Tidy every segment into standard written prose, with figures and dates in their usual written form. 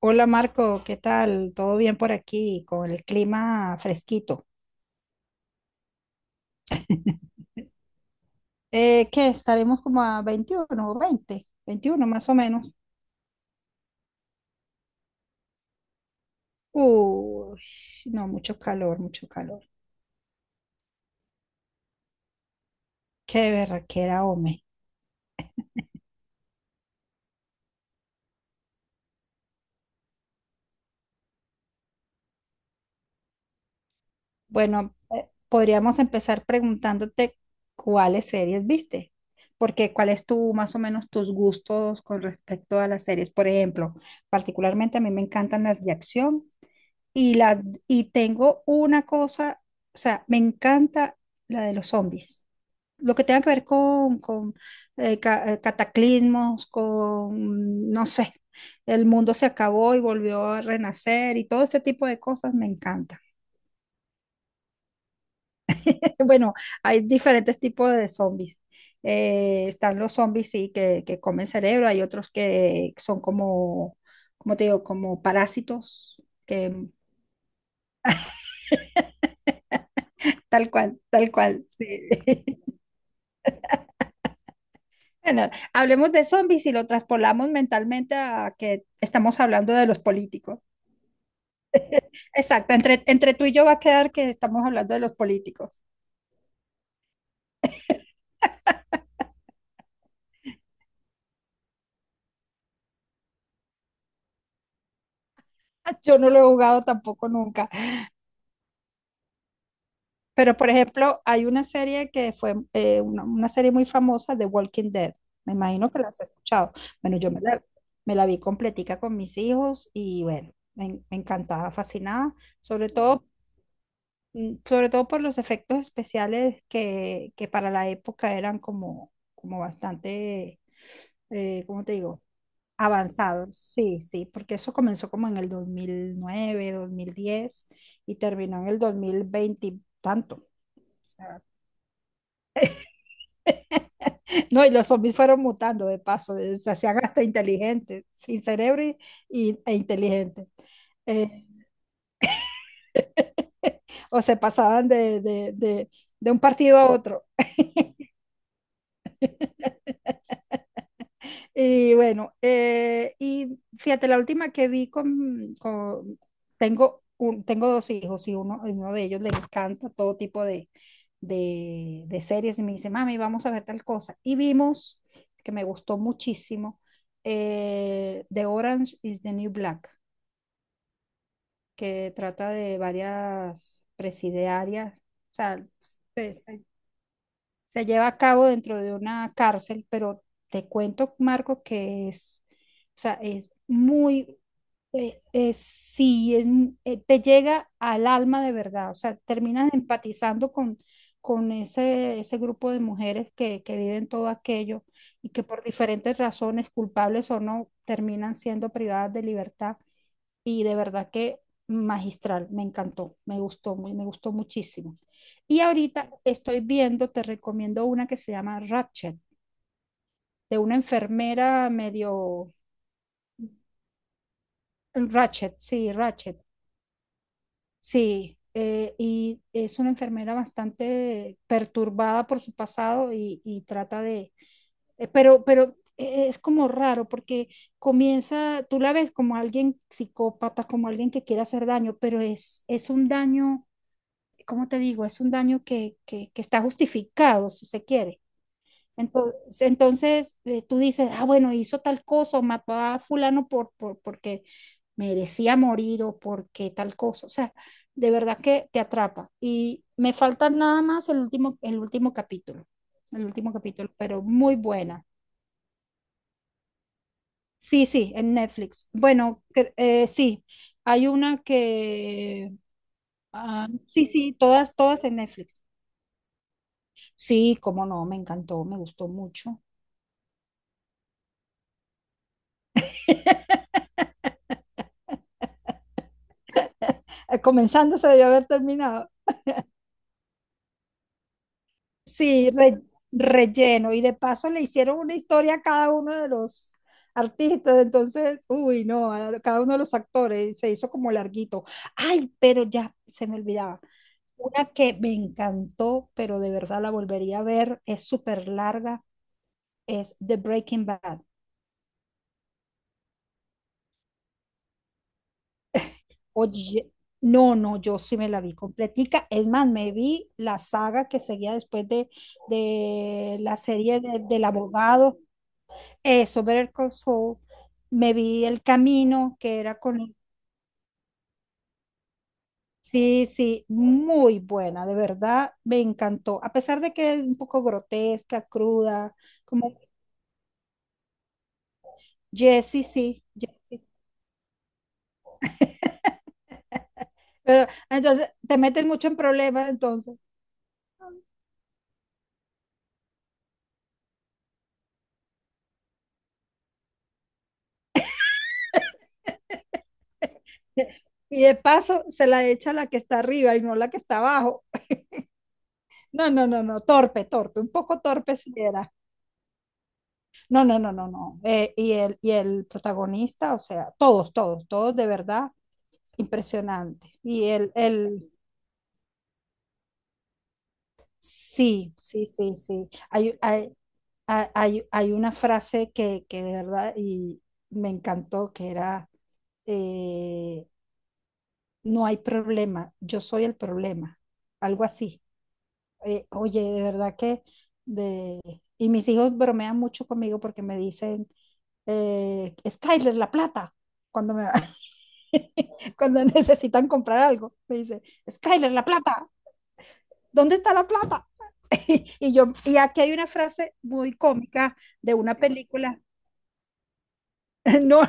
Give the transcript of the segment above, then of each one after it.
Hola Marco, ¿qué tal? ¿Todo bien por aquí con el clima fresquito? ¿Qué? ¿Estaremos como a 21 o 20? 21 más o menos. Uy, no, mucho calor, mucho calor. Qué berraquera, hombre. Bueno, podríamos empezar preguntándote cuáles series viste, porque cuál es tu, más o menos, tus gustos con respecto a las series. Por ejemplo, particularmente a mí me encantan las de acción. Y, la, y tengo una cosa, o sea, me encanta la de los zombies. Lo que tenga que ver con, con cataclismos, con, no sé, el mundo se acabó y volvió a renacer y todo ese tipo de cosas me encanta. Bueno, hay diferentes tipos de zombies. Están los zombies, sí, que comen cerebro, hay otros que son como, como te digo, como parásitos, que tal cual, tal cual. Sí. Bueno, hablemos de zombies y lo traspolamos mentalmente a que estamos hablando de los políticos. Exacto, entre tú y yo va a quedar que estamos hablando de los políticos. Yo no lo he jugado tampoco nunca, pero por ejemplo, hay una serie que fue una serie muy famosa de Walking Dead. Me imagino que la has escuchado. Bueno, me la vi completica con mis hijos y bueno, me encantaba, fascinada, sobre todo sobre todo por los efectos especiales que para la época eran como bastante, ¿cómo te digo? Avanzados, sí, sí, porque eso comenzó como en el 2009, 2010 y terminó en el 2020 y tanto. O sea, no, y los zombies fueron mutando de paso, se hacían hasta inteligentes, sin cerebro y, e inteligentes, eh, o se pasaban de un partido a otro. Y bueno, y fíjate, la última que vi tengo dos hijos y uno de ellos le encanta todo tipo de series y me dice, mami, vamos a ver tal cosa. Y vimos, que me gustó muchísimo, The Orange is the New Black, que trata de varias presidiarias, o sea, se lleva a cabo dentro de una cárcel, pero te cuento, Marco, que es, o sea, es muy, sí, te llega al alma de verdad, o sea, terminas empatizando con, con ese grupo de mujeres que viven todo aquello y que por diferentes razones, culpables o no, terminan siendo privadas de libertad y de verdad que magistral, me encantó, me gustó, me gustó muchísimo. Y ahorita estoy viendo, te recomiendo una que se llama Ratched, de una enfermera medio... Ratched sí, Ratched sí. Y es una enfermera bastante perturbada por su pasado y trata de... Pero, es como raro porque comienza, tú la ves como alguien psicópata, como alguien que quiere hacer daño, pero es, un daño como te digo, es un daño que está justificado, si se quiere. Entonces, tú dices, ah, bueno, hizo tal cosa o mató a fulano porque merecía morir o porque tal cosa. O sea, de verdad que te atrapa. Y me falta nada más el último capítulo, pero muy buena. Sí, sí, en Netflix. Bueno, sí, hay una que... ah, sí, sí, todas en Netflix. Sí, cómo no, me encantó, me gustó mucho. Comenzando se debió haber terminado. Sí, relleno. Y de paso le hicieron una historia a cada uno de los artistas. Entonces, uy, no, a cada uno de los actores se hizo como larguito. Ay, pero ya se me olvidaba. Una que me encantó, pero de verdad la volvería a ver, es súper larga, es The Breaking Bad. Oye, no, no, yo sí me la vi completica. Es más, me vi la saga que seguía después de la serie del abogado, eso, Better Call Saul. Me vi El Camino, que era con... Sí, sí, muy buena, de verdad, me encantó. A pesar de que es un poco grotesca, cruda, como Jesse, sí, Jesse. Pero, entonces, te metes mucho en problemas, entonces. Y de paso se la echa a la que está arriba y no la que está abajo. No, no, no, no, torpe, torpe, un poco torpe si era. No, no, no, no, no. Y el protagonista, o sea, todos, todos, todos de verdad, impresionante. Y el sí, sí, sí, sí. Hay una frase que de verdad y me encantó, que era, eh, no hay problema, yo soy el problema, algo así. Oye, de verdad que de... Y mis hijos bromean mucho conmigo porque me dicen, Skyler, la plata, cuando me cuando necesitan comprar algo, me dice, Skyler, la plata, ¿dónde está la plata? Y aquí hay una frase muy cómica de una película, no,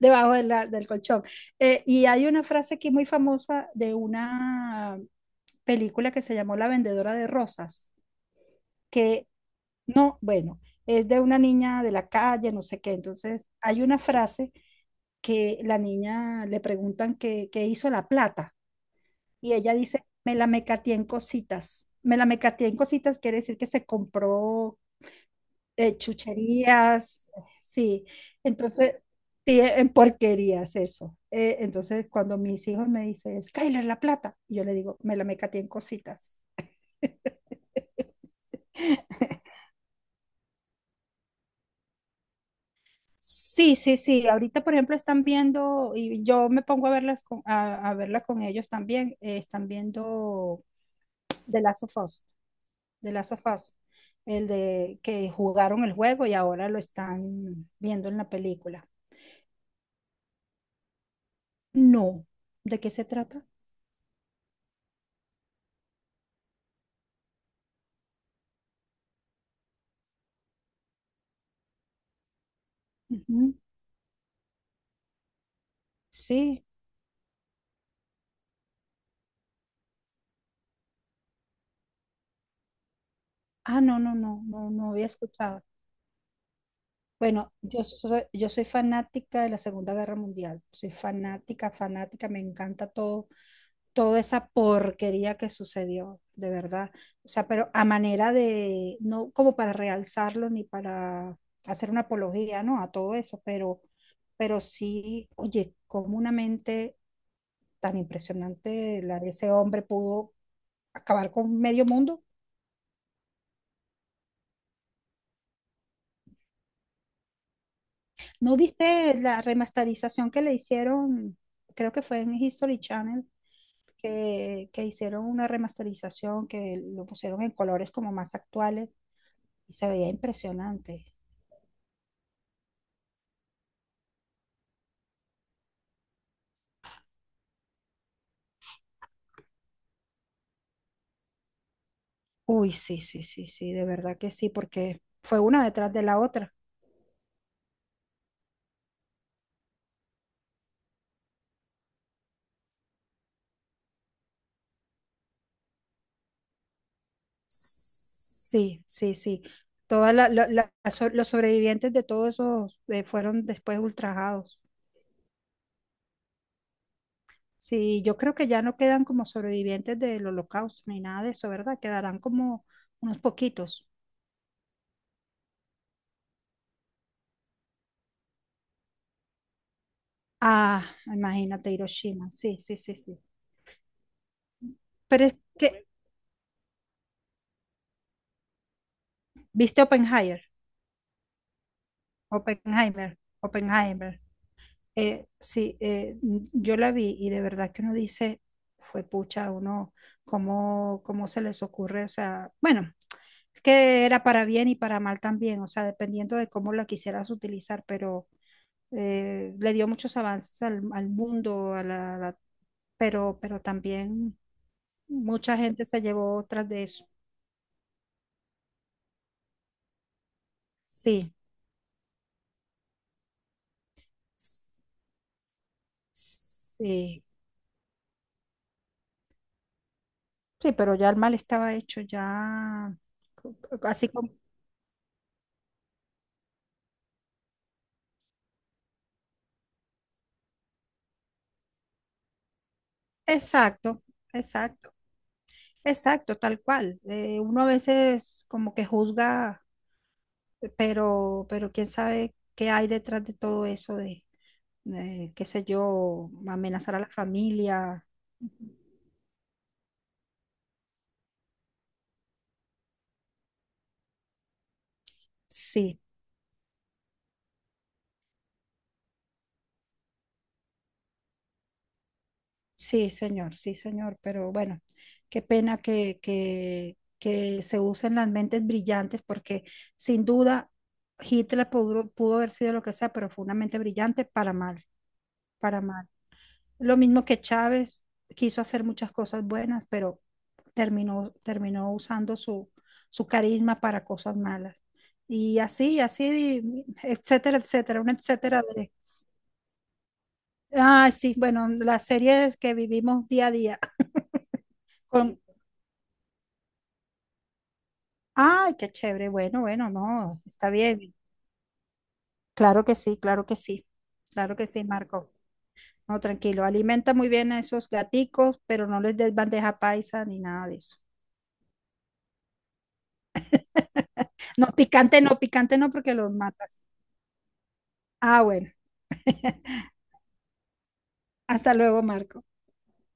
debajo de del colchón. Y hay una frase aquí muy famosa de una película que se llamó La vendedora de rosas, que no, bueno, es de una niña de la calle, no sé qué. Entonces, hay una frase que la niña le preguntan que hizo la plata y ella dice, me la mecateé en cositas. Me la mecateé en cositas quiere decir que se compró chucherías, sí. Entonces, sí, en porquerías eso. Entonces, cuando mis hijos me dicen, Skyler, la plata, yo le digo, me la mecateé en cositas. Sí, sí, sí. Ahorita, por ejemplo, están viendo, y yo me pongo a verlas con, a verla con ellos también, están viendo The Last of Us, The Last of Us, el de que jugaron el juego y ahora lo están viendo en la película. No. ¿De qué se trata? Ujú. Sí. Ah, no, no, no, no, no había escuchado. Bueno, yo soy fanática de la Segunda Guerra Mundial. Soy fanática, fanática, me encanta todo toda esa porquería que sucedió, de verdad. O sea, pero a manera de, no como para realzarlo ni para hacer una apología, ¿no? A todo eso, pero sí, oye, como una mente tan impresionante la de ese hombre pudo acabar con medio mundo. ¿No viste la remasterización que le hicieron? Creo que fue en History Channel, que hicieron una remasterización que lo pusieron en colores como más actuales. Y se veía impresionante. Uy, sí, sí, sí, sí, de verdad que sí, porque fue una detrás de la otra. Sí, sí, sí. Todas la- la- la- so- los sobrevivientes de todos esos fueron después ultrajados. Sí, yo creo que ya no quedan como sobrevivientes del holocausto ni nada de eso, ¿verdad? Quedarán como unos poquitos. Ah, imagínate Hiroshima. Sí, sí, sí, sí. Pero es que, ¿viste Oppenheimer? Oppenheimer, Oppenheimer. Sí, yo la vi y de verdad que uno dice, fue pucha, uno, ¿cómo se les ocurre? O sea, bueno, es que era para bien y para mal también, o sea, dependiendo de cómo la quisieras utilizar, pero le dio muchos avances al mundo, pero también mucha gente se llevó otras de eso. Sí, sí, sí, pero ya el mal estaba hecho, ya, co- así como... Exacto, exacto, exacto, tal cual. Uno a veces como que juzga, pero quién sabe qué hay detrás de todo eso qué sé yo, amenazar a la familia. Sí, sí, señor, pero bueno, qué pena que se usen las mentes brillantes porque sin duda Hitler pudo haber sido lo que sea, pero fue una mente brillante para mal, para mal. Lo mismo que Chávez quiso hacer muchas cosas buenas, pero terminó usando su carisma para cosas malas. Y así, así, etcétera, etcétera, una etcétera de... Ay, sí, bueno, las series que vivimos día a día. Con... Ay, qué chévere, bueno, bueno, no, está bien. Claro que sí, claro que sí, claro que sí, Marco. No, tranquilo, alimenta muy bien a esos gaticos, pero no les des bandeja paisa ni nada de eso. No, picante no, picante no, porque los matas. Ah, bueno. Hasta luego, Marco.